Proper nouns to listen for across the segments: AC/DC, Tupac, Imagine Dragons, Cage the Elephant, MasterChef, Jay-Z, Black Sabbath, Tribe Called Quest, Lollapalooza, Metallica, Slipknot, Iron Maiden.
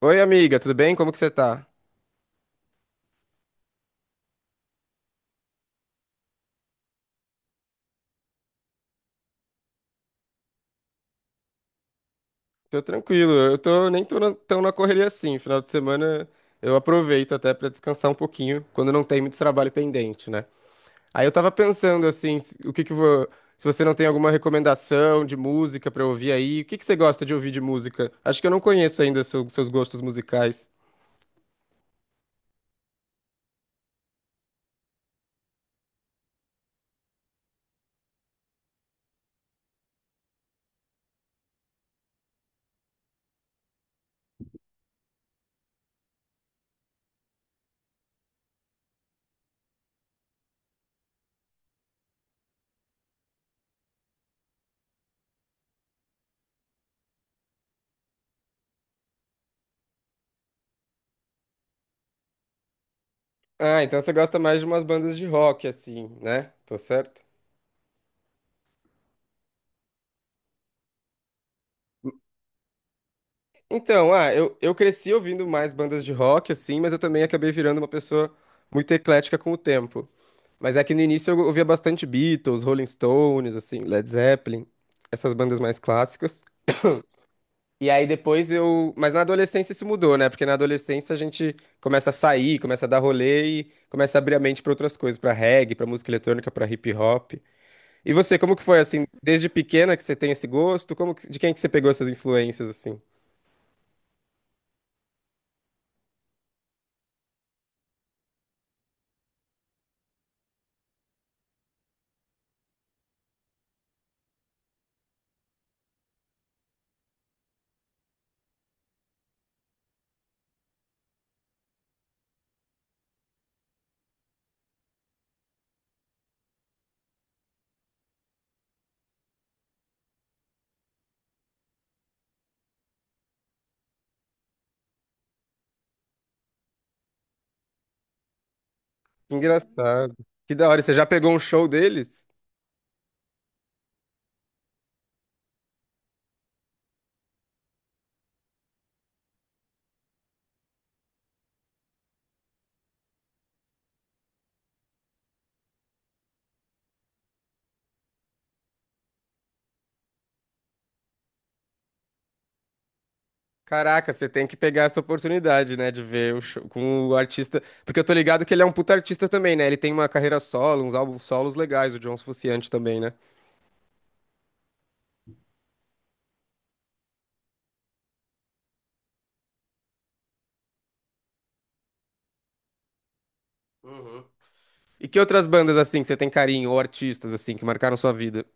Oi, amiga, tudo bem? Como que você tá? Tô tranquilo, eu tô nem tô tão na correria assim. Final de semana eu aproveito até pra descansar um pouquinho, quando não tem muito trabalho pendente, né? Aí eu tava pensando assim, o que que eu vou, se você não tem alguma recomendação de música pra eu ouvir aí, o que que você gosta de ouvir de música? Acho que eu não conheço ainda seus gostos musicais. Ah, então você gosta mais de umas bandas de rock assim, né? Tô certo? Então, ah, eu cresci ouvindo mais bandas de rock, assim, mas eu também acabei virando uma pessoa muito eclética com o tempo. Mas é que no início eu ouvia bastante Beatles, Rolling Stones, assim, Led Zeppelin, essas bandas mais clássicas. E aí depois eu. Mas na adolescência isso mudou, né? Porque na adolescência a gente começa a sair, começa a dar rolê e começa a abrir a mente pra outras coisas, pra reggae, pra música eletrônica, pra hip hop. E você, como que foi assim, desde pequena que você tem esse gosto? Como de quem que você pegou essas influências assim? Engraçado. Que da hora. Você já pegou um show deles? Caraca, você tem que pegar essa oportunidade, né, de ver o show com o artista. Porque eu tô ligado que ele é um puta artista também, né? Ele tem uma carreira solo, uns álbuns solos legais, o John Frusciante também, né? Uhum. E que outras bandas, assim, que você tem carinho, ou artistas, assim, que marcaram sua vida?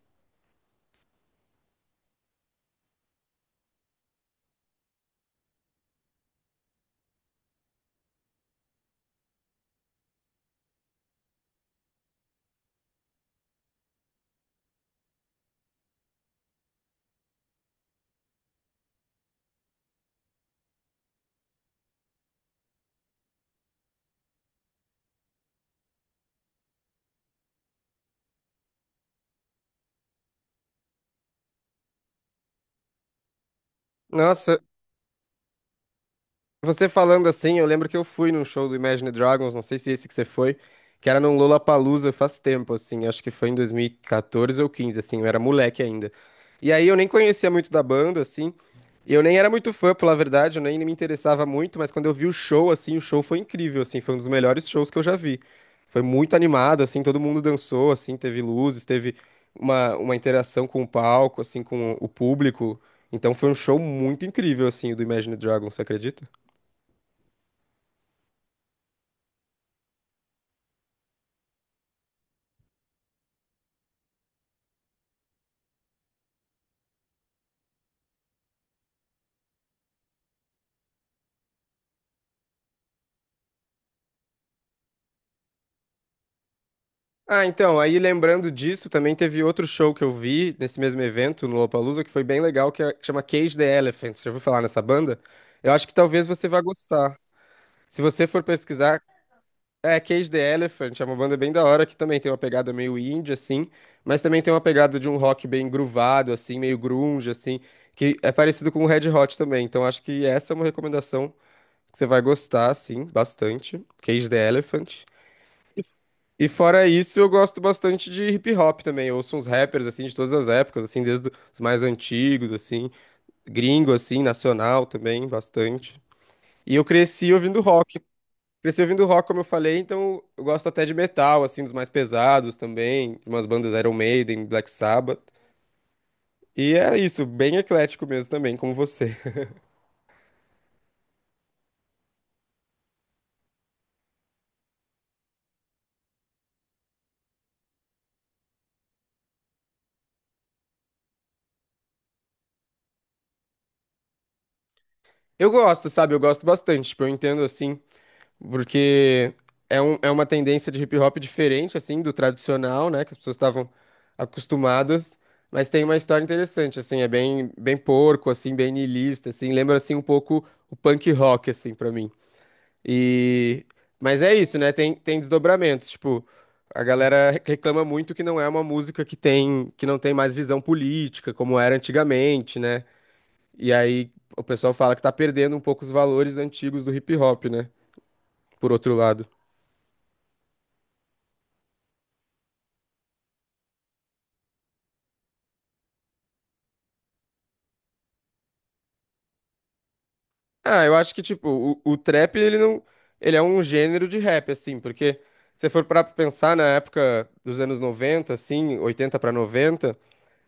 Nossa, você falando assim, eu lembro que eu fui num show do Imagine Dragons, não sei se é esse que você foi, que era num Lollapalooza faz tempo, assim, acho que foi em 2014 ou 15, assim, eu era moleque ainda. E aí eu nem conhecia muito da banda, assim, e eu nem era muito fã, pela verdade, eu nem me interessava muito, mas quando eu vi o show, assim, o show foi incrível, assim, foi um dos melhores shows que eu já vi. Foi muito animado, assim, todo mundo dançou, assim, teve luzes, teve uma interação com o palco, assim, com o público. Então foi um show muito incrível, assim, o do Imagine Dragons, você acredita? Ah, então, aí lembrando disso, também teve outro show que eu vi nesse mesmo evento, no Lollapalooza, que foi bem legal, que chama Cage the Elephant. Você já ouviu falar nessa banda? Eu acho que talvez você vá gostar. Se você for pesquisar, é Cage the Elephant, é uma banda bem da hora, que também tem uma pegada meio indie, assim, mas também tem uma pegada de um rock bem groovado, assim, meio grunge, assim, que é parecido com o Red Hot também. Então, acho que essa é uma recomendação que você vai gostar, assim, bastante. Cage the Elephant. E fora isso, eu gosto bastante de hip hop também. Eu ouço uns rappers assim de todas as épocas, assim, desde os mais antigos, assim, gringo assim, nacional também, bastante. E eu cresci ouvindo rock. Cresci ouvindo rock, como eu falei, então eu gosto até de metal, assim, dos mais pesados também, de umas bandas Iron Maiden, Black Sabbath. E é isso, bem eclético mesmo também, como você. Eu gosto, sabe? Eu gosto bastante. Tipo, eu entendo assim. Porque é, um, é uma tendência de hip hop diferente, assim, do tradicional, né? Que as pessoas estavam acostumadas. Mas tem uma história interessante, assim, é bem, bem porco, assim, bem niilista, assim. Lembra, assim, um pouco o punk rock, assim, pra mim. E... Mas é isso, né? Tem desdobramentos, tipo... A galera reclama muito que não é uma música que não tem mais visão política, como era antigamente, né? E aí o pessoal fala que tá perdendo um pouco os valores antigos do hip hop, né? Por outro lado. Ah, eu acho que, tipo, o trap, ele não. Ele é um gênero de rap, assim, porque se você for parar pra pensar na época dos anos 90 assim, 80 pra 90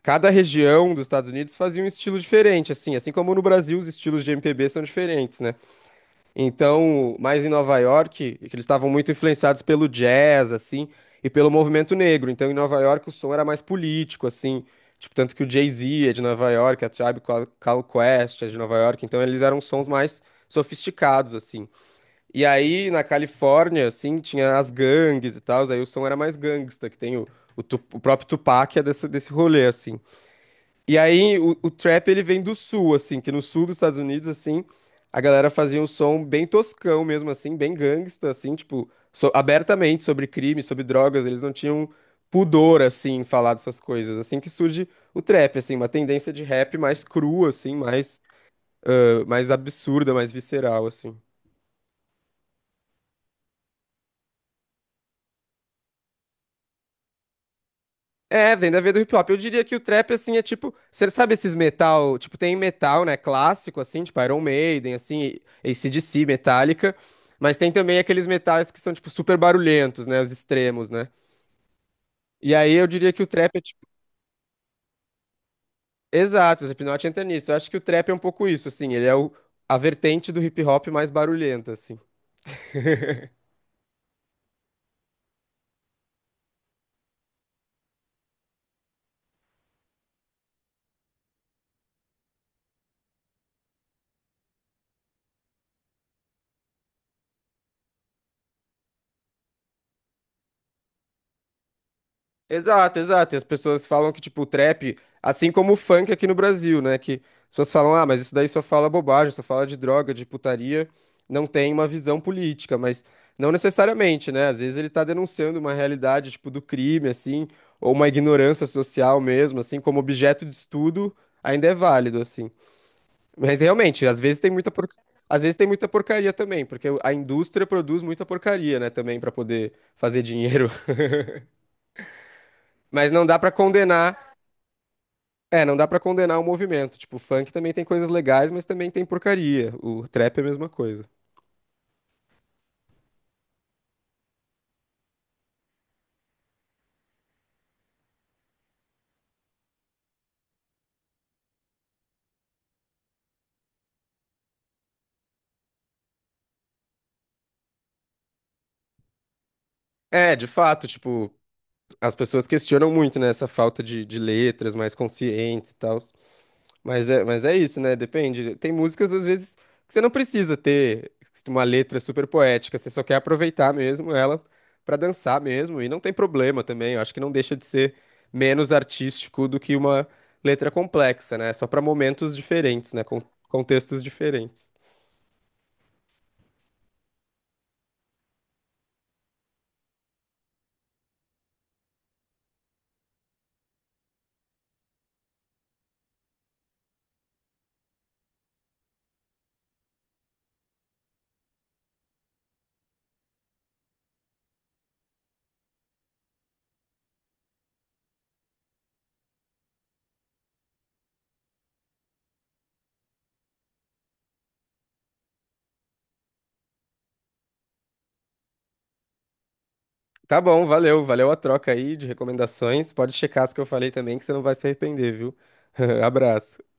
cada região dos Estados Unidos fazia um estilo diferente, assim, assim como no Brasil os estilos de MPB são diferentes, né? Então, mais em Nova York, que eles estavam muito influenciados pelo jazz, assim, e pelo movimento negro. Então, em Nova York, o som era mais político, assim. Tipo, tanto que o Jay-Z é de Nova York, a Tribe Called Quest é de Nova York. Então, eles eram sons mais sofisticados, assim. E aí, na Califórnia, assim, tinha as gangues e tal. Aí o som era mais gangsta, que tem o, o próprio Tupac é desse, desse rolê, assim. E aí o trap ele vem do sul, assim, que no sul dos Estados Unidos, assim, a galera fazia um som bem toscão mesmo, assim, bem gangsta, assim, tipo, abertamente sobre crime, sobre drogas, eles não tinham pudor, assim, em falar dessas coisas. Assim que surge o trap, assim, uma tendência de rap mais crua, assim, mais, mais absurda, mais visceral, assim. É, vem da veia do hip hop. Eu diria que o trap, assim, é tipo. Você sabe esses metal? Tipo, tem metal, né? Clássico, assim, tipo Iron Maiden, assim, AC/DC, Metallica. Mas tem também aqueles metais que são, tipo, super barulhentos, né? Os extremos, né? E aí eu diria que o trap é, tipo. Exato, o Slipknot entra nisso. Eu acho que o trap é um pouco isso, assim. Ele é o... a vertente do hip hop mais barulhenta, assim. Exato, exato. E as pessoas falam que, tipo, o trap, assim como o funk aqui no Brasil, né? Que as pessoas falam, ah, mas isso daí só fala bobagem, só fala de droga, de putaria, não tem uma visão política, mas não necessariamente, né? Às vezes ele tá denunciando uma realidade, tipo, do crime, assim, ou uma ignorância social mesmo, assim, como objeto de estudo, ainda é válido, assim. Mas realmente, às vezes tem muita porcaria também, porque a indústria produz muita porcaria, né, também, pra poder fazer dinheiro. Mas não dá pra condenar É, não dá pra condenar o movimento. Tipo, o funk também tem coisas legais, mas também tem porcaria. O trap é a mesma coisa. É, de fato, tipo, as pessoas questionam muito, né, essa falta de letras mais conscientes e tal. Mas é isso, né? Depende. Tem músicas, às vezes, que você não precisa ter uma letra super poética, você só quer aproveitar mesmo ela pra dançar mesmo. E não tem problema também. Eu acho que não deixa de ser menos artístico do que uma letra complexa, né? Só pra momentos diferentes, né? Com contextos diferentes. Tá bom, valeu, valeu a troca aí de recomendações. Pode checar as que eu falei também, que você não vai se arrepender, viu? Abraço.